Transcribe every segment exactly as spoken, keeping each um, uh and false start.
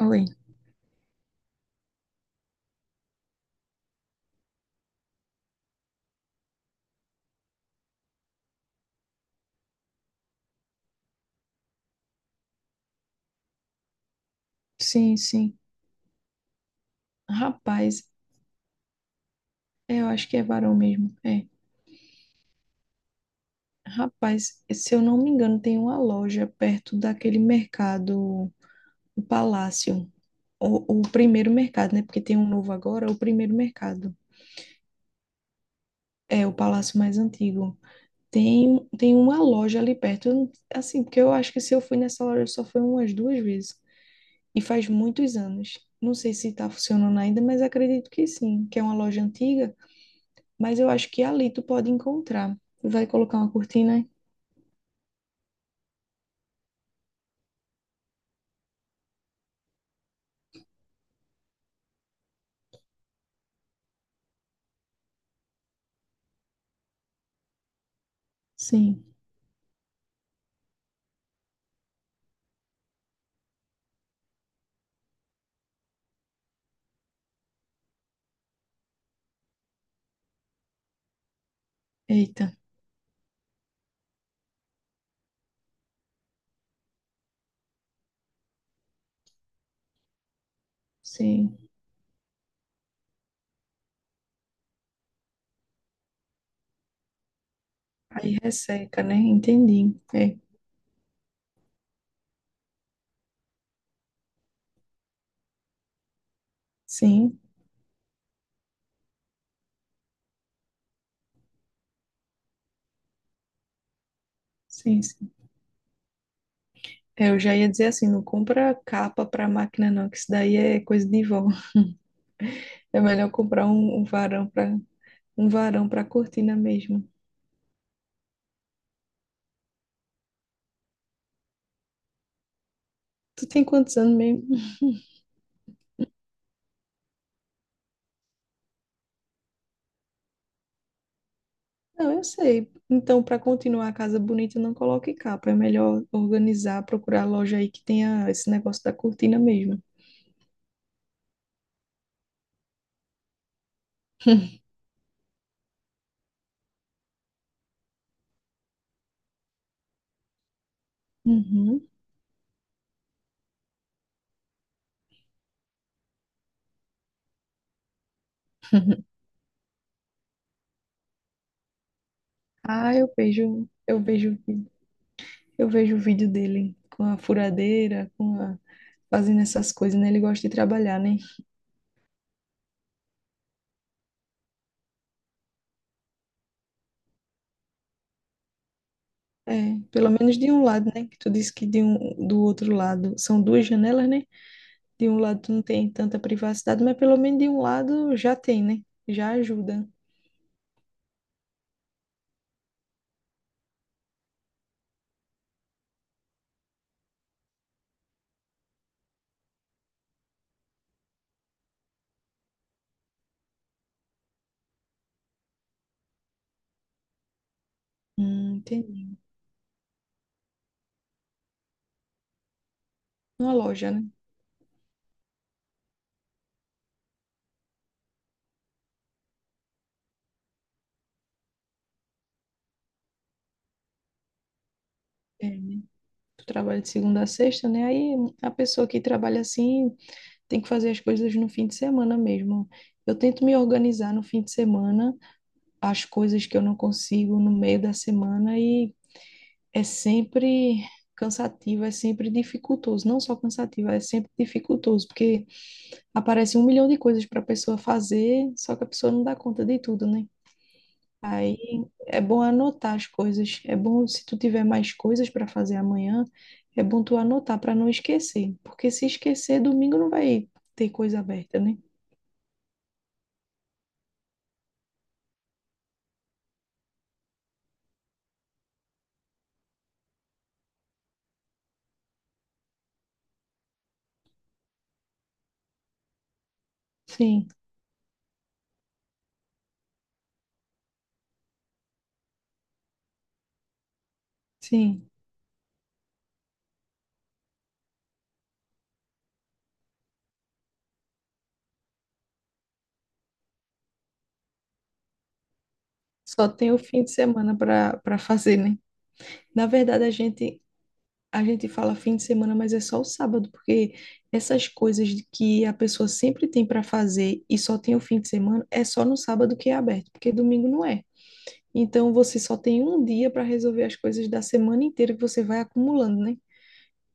Oi. Sim, sim. Rapaz, é, eu acho que é varão mesmo. É. Rapaz, se eu não me engano, tem uma loja perto daquele mercado, o Palácio. O, o primeiro mercado, né? Porque tem um novo agora, o primeiro mercado. É, o palácio mais antigo. Tem, tem uma loja ali perto. Eu não- Assim, porque eu acho que se eu fui nessa loja só foi umas duas vezes. E faz muitos anos. Não sei se tá funcionando ainda, mas acredito que sim. Que é uma loja antiga. Mas eu acho que ali tu pode encontrar. Tu vai colocar uma cortina? Sim. Eita, sim. Aí resseca, né? Entendi. É. Sim, sim, sim. É, eu já ia dizer assim, não compra capa para máquina não, que isso daí é coisa de vó. É melhor comprar um, um varão para um varão para cortina mesmo. Tu tem quantos anos mesmo? Não, eu sei. Então, para continuar a casa bonita, não coloque capa. É melhor organizar, procurar loja aí que tenha esse negócio da cortina mesmo. Uhum. Ah, eu vejo, eu vejo, vi- eu vejo o vídeo dele com a furadeira, com a, fazendo essas coisas, né? Ele gosta de trabalhar, né? É, pelo menos de um lado, né? Que tu disse que de um, do outro lado são duas janelas, né? De um lado tu não tem tanta privacidade, mas pelo menos de um lado já tem, né? Já ajuda. Hum, entendi. Uma loja, né? É, né? Tu trabalha de segunda a sexta, né? Aí a pessoa que trabalha assim tem que fazer as coisas no fim de semana mesmo. Eu tento me organizar no fim de semana as coisas que eu não consigo no meio da semana e é sempre cansativo, é sempre dificultoso, não só cansativo, é sempre dificultoso, porque aparece um milhão de coisas para a pessoa fazer, só que a pessoa não dá conta de tudo, né? Aí é bom anotar as coisas, é bom se tu tiver mais coisas para fazer amanhã, é bom tu anotar para não esquecer, porque se esquecer, domingo não vai ter coisa aberta, né? Sim, sim. Só tem o fim de semana para para fazer, né? Na verdade, a gente a gente fala fim de semana, mas é só o sábado, porque essas coisas de que a pessoa sempre tem para fazer e só tem o fim de semana, é só no sábado que é aberto, porque domingo não é. Então você só tem um dia para resolver as coisas da semana inteira que você vai acumulando, né?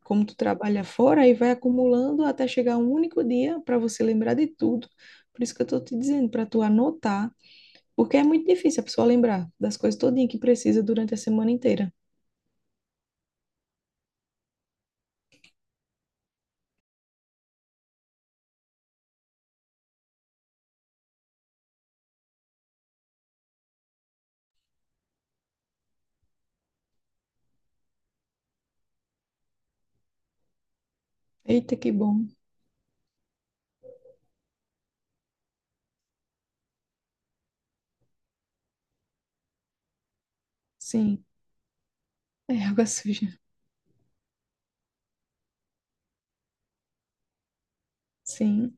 Como tu trabalha fora, aí vai acumulando até chegar um único dia para você lembrar de tudo. Por isso que eu tô te dizendo, para tu anotar, porque é muito difícil a pessoa lembrar das coisas todinha que precisa durante a semana inteira. Eita, que bom. Sim, é água suja. Sim.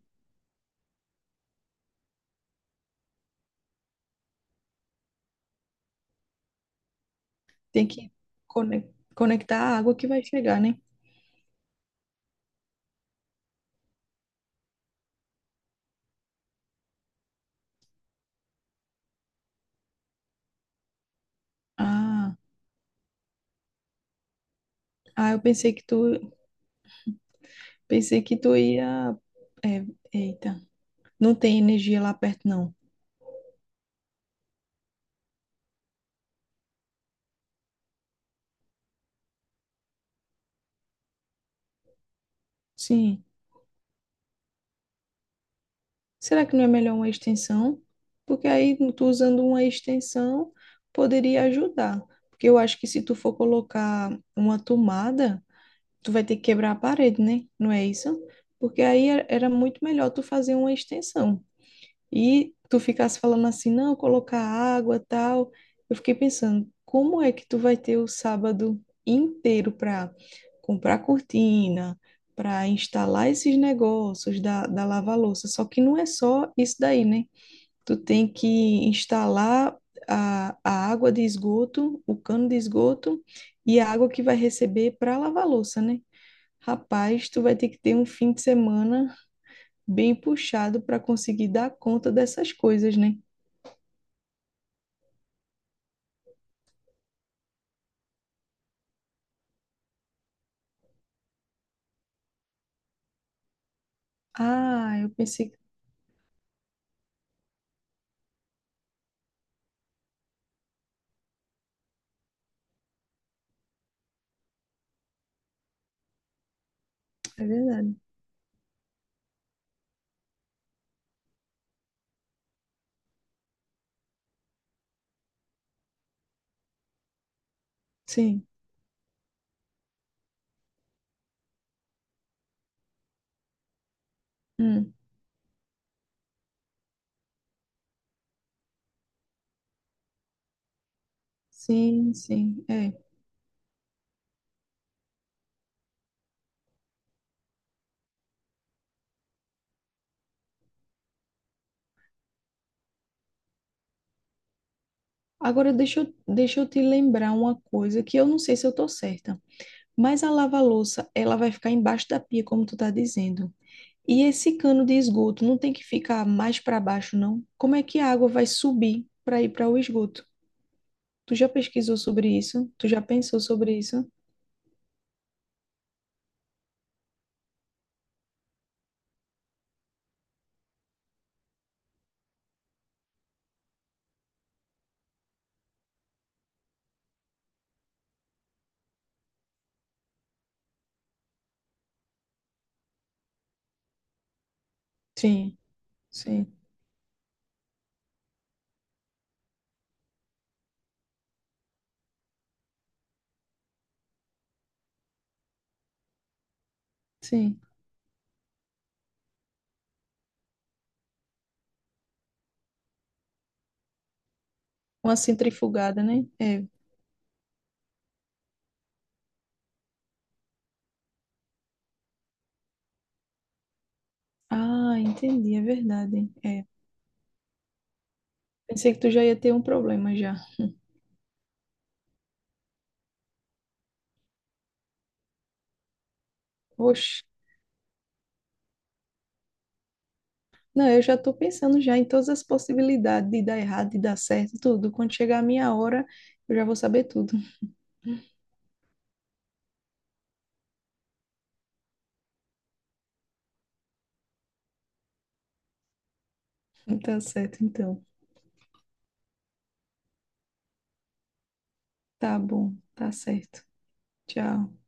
Tem que cone- conectar a água que vai chegar, né? Ah, ah, eu pensei que tu, pensei que tu ia. É, eita, não tem energia lá perto, não. Sim. Será que não é melhor uma extensão? Porque aí tu usando uma extensão poderia ajudar. Porque eu acho que se tu for colocar uma tomada, tu vai ter que quebrar a parede, né? Não é isso? Porque aí era era muito melhor tu fazer uma extensão. E tu ficasse falando assim, não, colocar água, tal. Eu fiquei pensando, como é que tu vai ter o sábado inteiro para comprar cortina, para instalar esses negócios da, da lava-louça? Só que não é só isso daí, né? Tu tem que instalar a, a água de esgoto, o cano de esgoto e a água que vai receber para lavar louça, né? Rapaz, tu vai ter que ter um fim de semana bem puxado para conseguir dar conta dessas coisas, né? Ah, eu pensei que é verdade. Sim. Hum. Sim, sim, é. Agora deixa eu, deixa eu te lembrar uma coisa que eu não sei se eu tô certa, mas a lava-louça, ela vai ficar embaixo da pia, como tu tá dizendo. E esse cano de esgoto não tem que ficar mais para baixo, não? Como é que a água vai subir para ir para o esgoto? Tu já pesquisou sobre isso? Tu já pensou sobre isso? Sim, sim, sim. Uma centrifugada, né? É. Ah, entendi, é verdade. É, pensei que tu já ia ter um problema já. Oxe, não, eu já tô pensando já em todas as possibilidades de dar errado, de dar certo, tudo. Quando chegar a minha hora, eu já vou saber tudo. Tá certo, então. Tá bom, tá certo. Tchau.